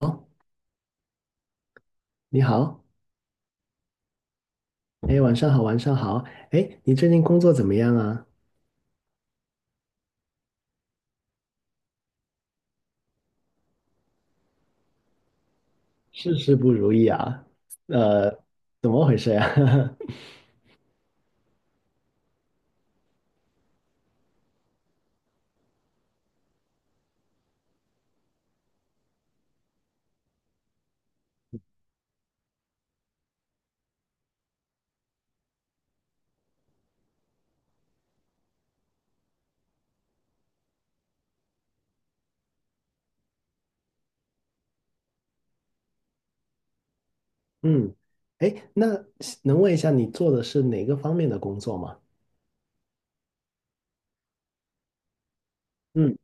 哦，你好，哎，晚上好，晚上好，哎，你最近工作怎么样啊？事事不如意啊？呃，怎么回事呀、啊？嗯，哎，那能问一下你做的是哪个方面的工作吗？嗯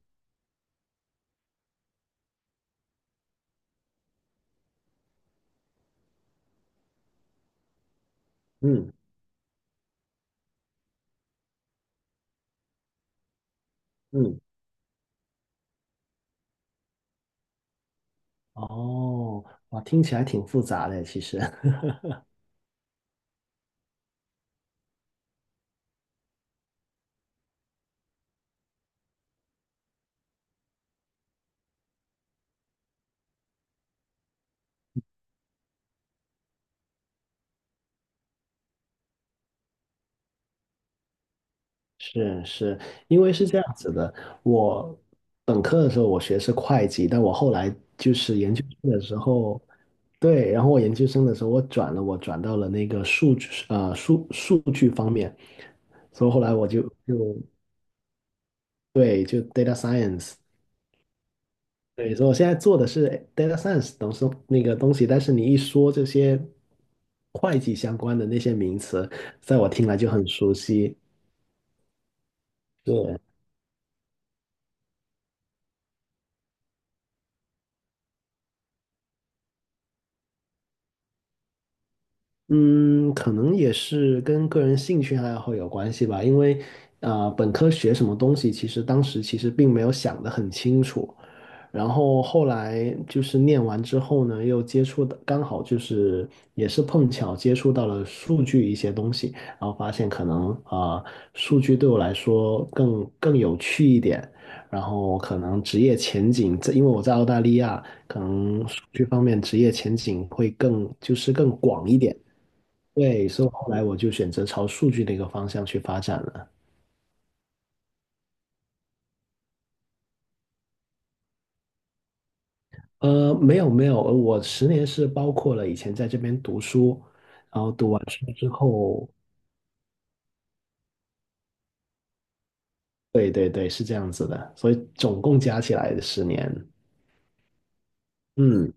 嗯嗯，哦，哇，听起来挺复杂的，其实。是是，因为是这样子的，我本科的时候我学的是会计，但我后来就是研究生的时候，对，然后我研究生的时候我转了，我转到了那个数据呃数数据方面，所以后来我就对，就 data science，对，所以我现在做的是 data science 东西那个东西，但是你一说这些会计相关的那些名词，在我听来就很熟悉，对。嗯，可能也是跟个人兴趣爱好有关系吧，因为本科学什么东西，其实当时其实并没有想得很清楚，然后后来就是念完之后呢，又接触的刚好就是也是碰巧接触到了数据一些东西，然后发现可能数据对我来说更有趣一点，然后可能职业前景，这因为我在澳大利亚，可能数据方面职业前景会更就是更广一点。对，所以后来我就选择朝数据的一个方向去发展了。没有没有，我十年是包括了以前在这边读书，然后读完书之后，对对对，是这样子的，所以总共加起来的十年，嗯。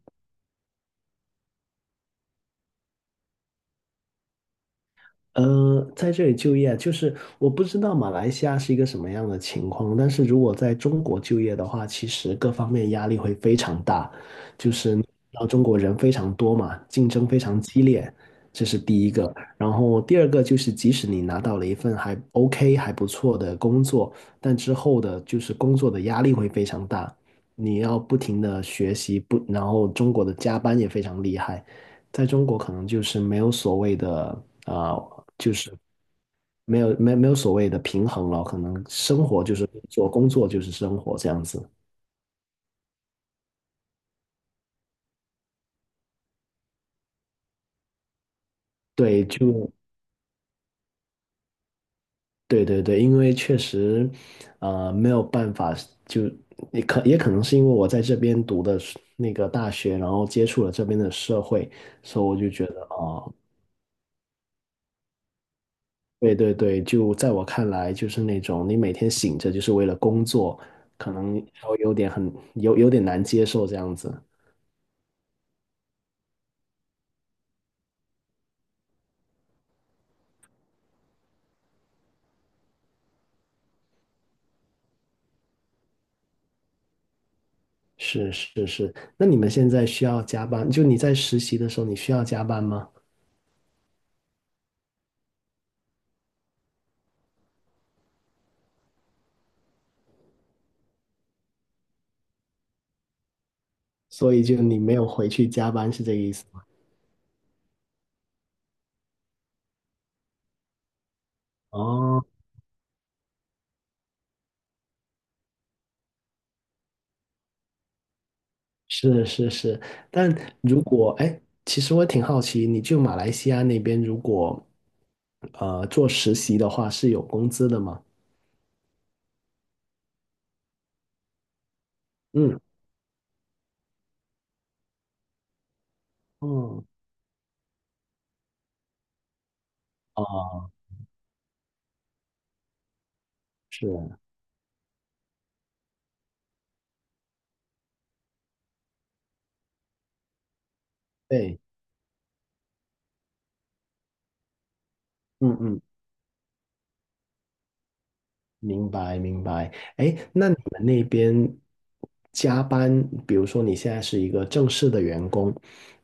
在这里就业，就是我不知道马来西亚是一个什么样的情况，但是如果在中国就业的话，其实各方面压力会非常大，就是你知道中国人非常多嘛，竞争非常激烈，这是第一个。然后第二个就是，即使你拿到了一份还 OK 还不错的工作，但之后的就是工作的压力会非常大，你要不停的学习，不，然后中国的加班也非常厉害。在中国可能就是没有所谓的啊、呃没有没有没有所谓的平衡了，可能生活就是工作，工作就是生活这样子。对，就对对对，因为确实，没有办法，就也可也可能是因为我在这边读的是那个大学，然后接触了这边的社会，所以我就觉得对对对，就在我看来，就是那种你每天醒着就是为了工作，可能稍微有点难接受这样子。是是是，那你们现在需要加班？就你在实习的时候，你需要加班吗？所以就你没有回去加班，是这个意思吗？哦，是是是，但如果哎，其实我挺好奇，你就马来西亚那边如果做实习的话，是有工资的吗？嗯，嗯，哦，是，对，嗯嗯。明白，明白。哎，那你们那边加班，比如说你现在是一个正式的员工，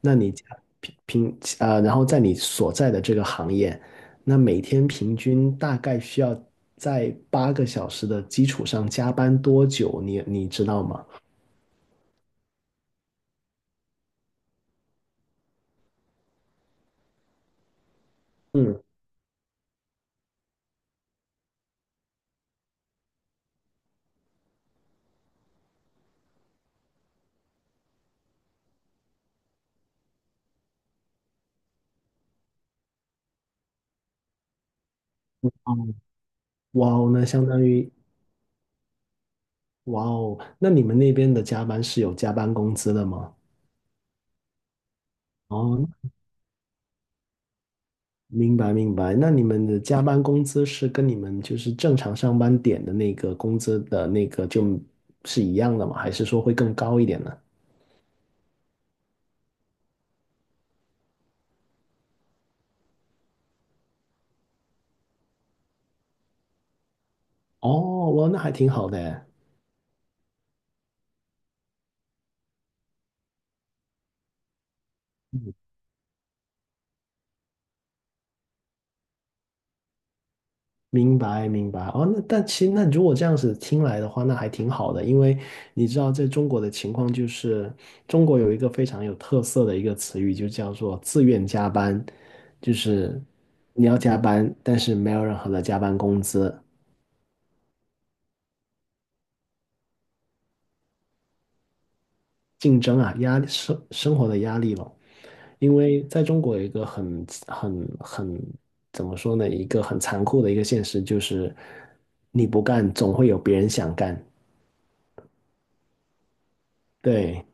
那你加平平呃，然后在你所在的这个行业，那每天平均大概需要在8个小时的基础上加班多久？你知道吗？嗯，哦，哇哦，那相当于哇哦，那你们那边的加班是有加班工资的吗？哦，明白明白。那你们的加班工资是跟你们就是正常上班点的那个工资的那个就是一样的吗？还是说会更高一点呢？哦，哇，那还挺好的诶。明白，明白。哦，那但其实那如果这样子听来的话，那还挺好的，因为你知道，在中国的情况就是，中国有一个非常有特色的一个词语，就叫做自愿加班，就是你要加班，但是没有任何的加班工资，竞争啊，压力活的压力咯。因为在中国有一个很很很怎么说呢，一个很残酷的一个现实就是，你不干，总会有别人想干。对，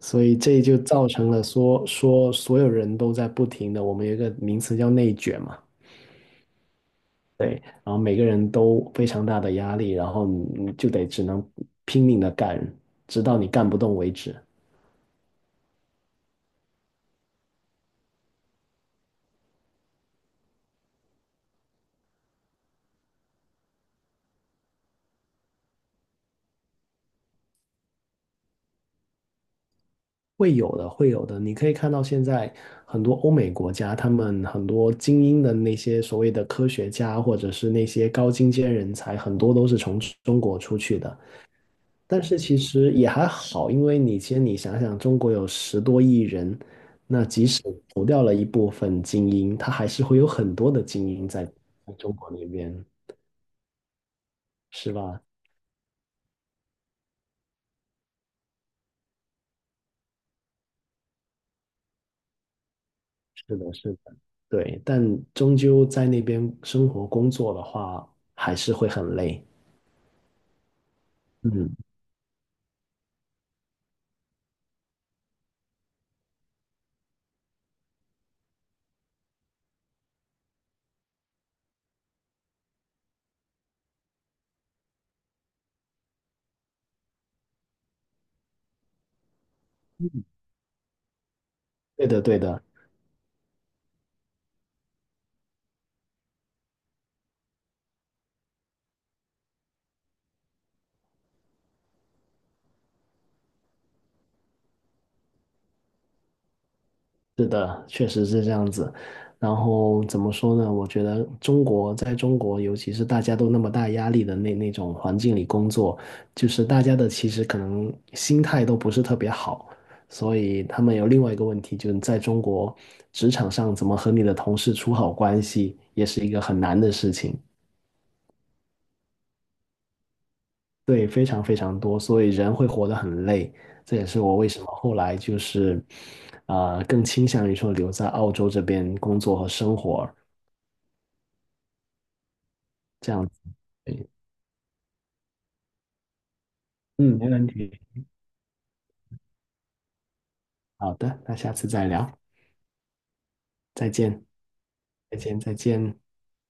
所以这就造成了说所有人都在不停的，我们有一个名词叫内卷嘛，对，然后每个人都非常大的压力，然后你就得只能拼命的干，直到你干不动为止。会有的，会有的。你可以看到现在很多欧美国家，他们很多精英的那些所谓的科学家，或者是那些高精尖人才，很多都是从中国出去的。但是其实也还好，因为你先你想想，中国有10多亿人，那即使除掉了一部分精英，他还是会有很多的精英在中国那边，是吧？是的，是的。对，但终究在那边生活工作的话，还是会很累。嗯。对的，对的，是的，确实是这样子。然后怎么说呢？我觉得中国在中国，尤其是大家都那么大压力的那种环境里工作，就是大家的其实可能心态都不是特别好，所以他们有另外一个问题，就是在中国职场上怎么和你的同事处好关系，也是一个很难的事情。对，非常非常多，所以人会活得很累。这也是我为什么后来就是，更倾向于说留在澳洲这边工作和生活这样子。嗯，没问题。好的，那下次再聊，再见，再见，再见。